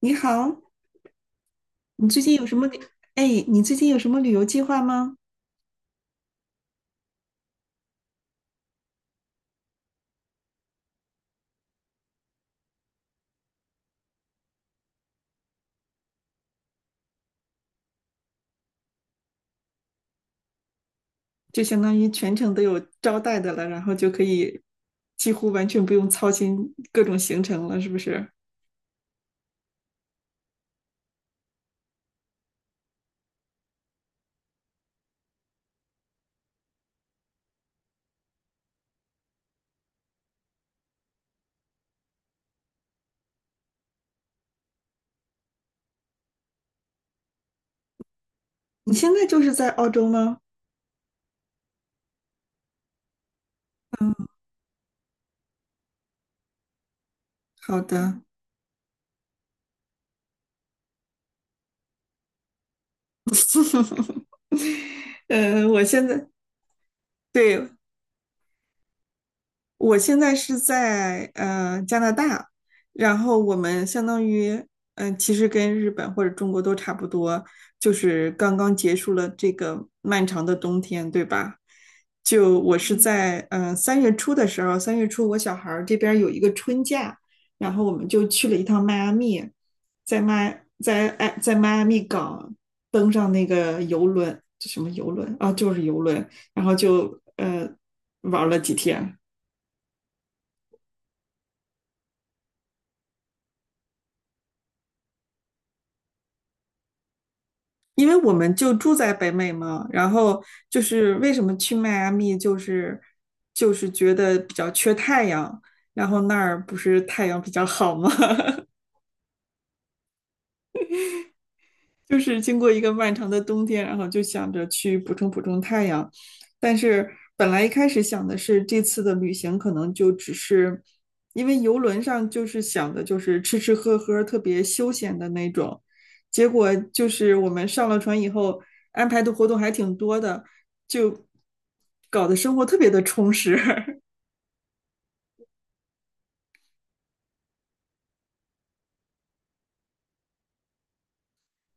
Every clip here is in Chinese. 你好，你最近有什么旅？哎，你最近有什么旅游计划吗？就相当于全程都有招待的了，然后就可以几乎完全不用操心各种行程了，是不是？你现在就是在澳洲吗？好的。呃，我现在对，我现在是在加拿大，然后我们相当于其实跟日本或者中国都差不多，就是刚刚结束了这个漫长的冬天，对吧？就我是在三月初的时候，三月初我小孩儿这边儿有一个春假，然后我们就去了一趟迈阿密，在迈阿密港登上那个游轮，这什么游轮啊，就是游轮，然后就玩儿了几天。因为我们就住在北美嘛，然后就是为什么去迈阿密，就是觉得比较缺太阳，然后那儿不是太阳比较好吗？就是经过一个漫长的冬天，然后就想着去补充补充太阳，但是本来一开始想的是这次的旅行可能就只是，因为游轮上就是想的就是吃吃喝喝，特别休闲的那种，结果就是我们上了船以后，安排的活动还挺多的，就搞得生活特别的充实。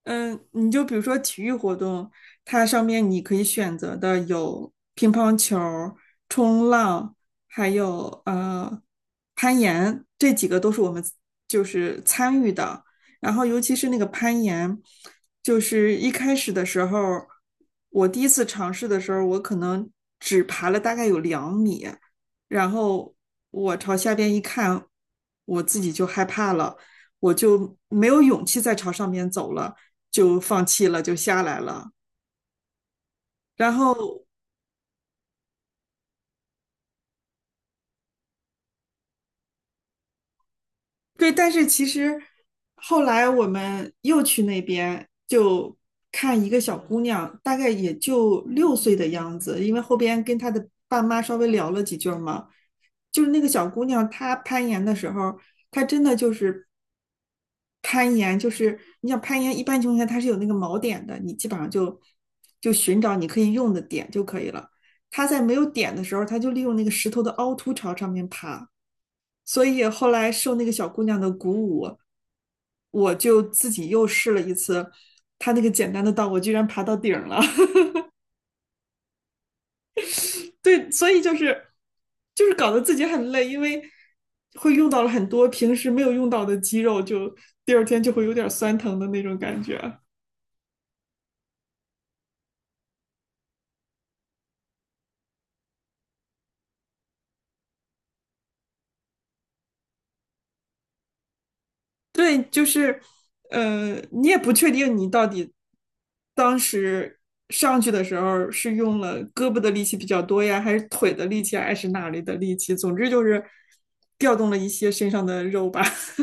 嗯，你就比如说体育活动，它上面你可以选择的有乒乓球儿冲浪，还有攀岩，这几个都是我们就是参与的。然后尤其是那个攀岩，就是一开始的时候，我第一次尝试的时候，我可能只爬了大概有2米，然后我朝下边一看，我自己就害怕了，我就没有勇气再朝上面走了。就放弃了，就下来了。然后对，但是其实后来我们又去那边就看一个小姑娘，大概也就6岁的样子，因为后边跟她的爸妈稍微聊了几句儿嘛，就是那个小姑娘她攀岩的时候，她真的就是攀岩，就是你想攀岩，一般情况下它是有那个锚点的，你基本上就寻找你可以用的点就可以了。她在没有点的时候，她就利用那个石头的凹凸朝上面爬。所以后来受那个小姑娘的鼓舞，我就自己又试了一次，她那个简单的道，我居然爬到顶了 对，所以就是搞得自己很累，因为会用到了很多平时没有用到的肌肉，就第二天就会有点酸疼的那种感觉。对，就是，你也不确定你到底当时上去的时候是用了胳膊的力气比较多呀，还是腿的力气，还是哪里的力气？总之就是调动了一些身上的肉吧。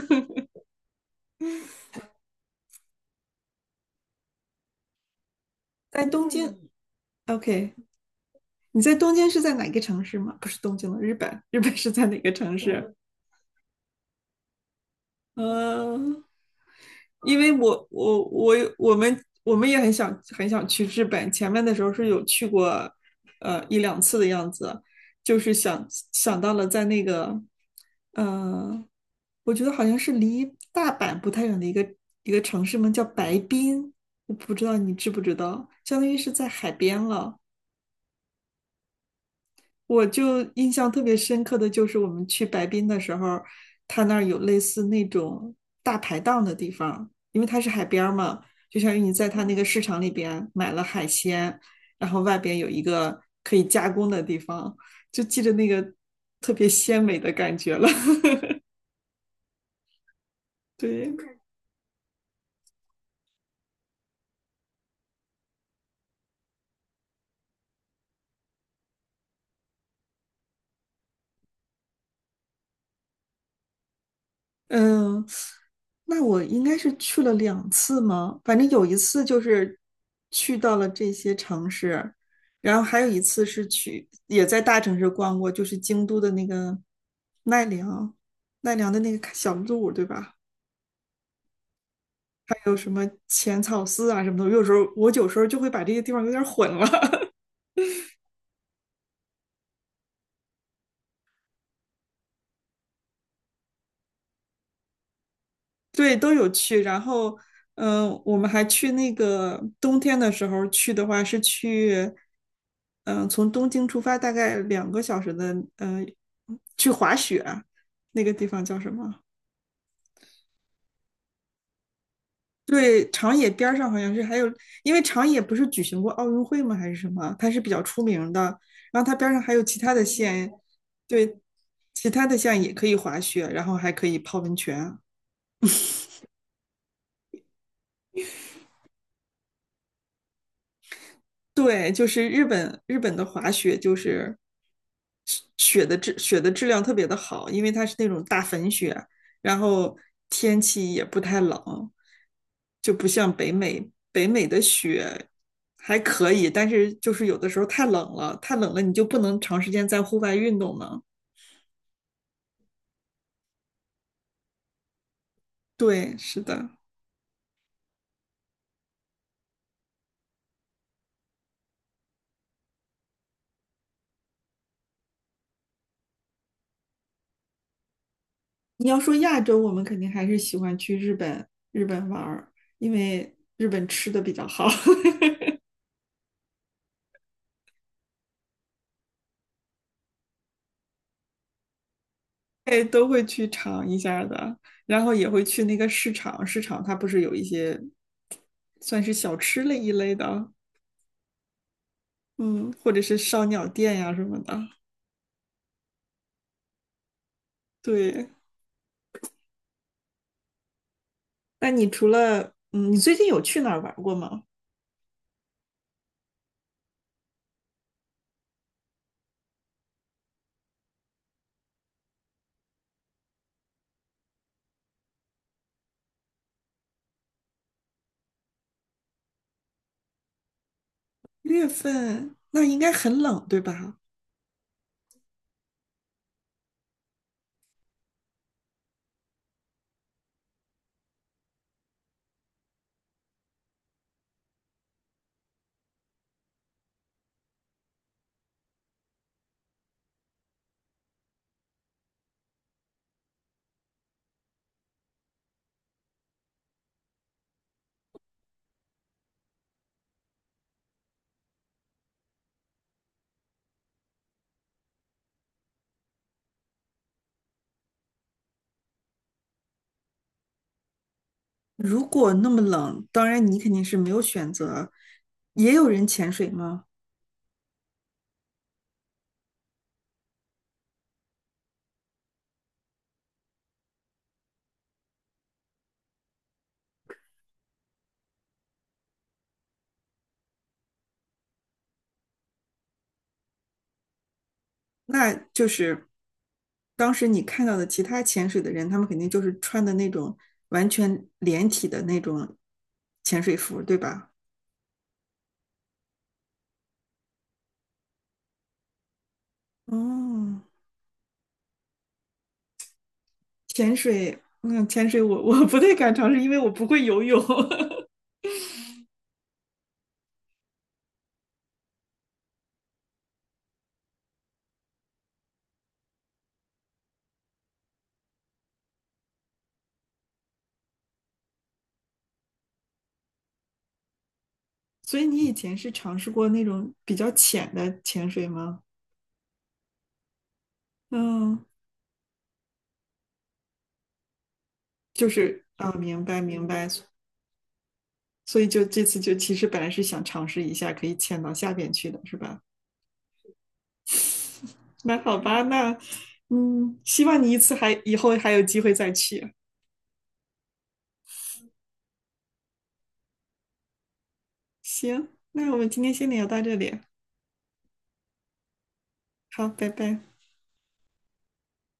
在东京 OK。 你在东京是在哪个城市吗？不是东京了，日本，日本是在哪个城市？嗯，因为我们也很想很想去日本，前面的时候是有去过，一两次的样子，就是想到了在那个，呃，我觉得好像是离大阪不太远的一个城市嘛，叫白滨，我不知道你知不知道，相当于是在海边了。我就印象特别深刻的就是我们去白滨的时候，他那儿有类似那种大排档的地方，因为它是海边儿嘛，就相当于你在它那个市场里边买了海鲜，然后外边有一个可以加工的地方，就记着那个特别鲜美的感觉了。对，嗯，那我应该是去了两次吗？反正有一次就是去到了这些城市，然后还有一次是去也在大城市逛过，就是京都的那个奈良，奈良的那个小路，对吧？还有什么浅草寺啊什么的。有时候就会把这些地方有点混了。对，都有去。然后，我们还去那个冬天的时候去的话，是去，从东京出发大概2个小时的，去滑雪，那个地方叫什么？对，长野边儿上好像是还有，因为长野不是举行过奥运会吗？还是什么？它是比较出名的。然后它边儿上还有其他的县，对，其他的县也可以滑雪，然后还可以泡温泉。对，就是日本的滑雪就是雪雪的质量特别的好，因为它是那种大粉雪，然后天气也不太冷，就不像北美的雪还可以，但是就是有的时候太冷了，太冷了你就不能长时间在户外运动了。对，是的。你要说亚洲，我们肯定还是喜欢去日本玩儿，因为日本吃的比较好。哎，都会去尝一下的，然后也会去那个市场，市场它不是有一些算是小吃类一类的，嗯，或者是烧鸟店呀什么的。对，那你除了嗯，你最近有去哪儿玩儿过吗？月份那应该很冷，对吧？如果那么冷，当然你肯定是没有选择。也有人潜水吗？那就是当时你看到的其他潜水的人，他们肯定就是穿的那种完全连体的那种潜水服，对吧？哦，潜水我 我不太敢尝试，因为我不会游泳。所以你以前是尝试过那种比较浅的潜水吗？嗯，就是啊，明白明白。所以就这次就其实本来是想尝试一下可以潜到下边去的，是吧？那好吧，那希望你一次还以后还有机会再去。行，那我们今天先聊到这里，好，拜拜。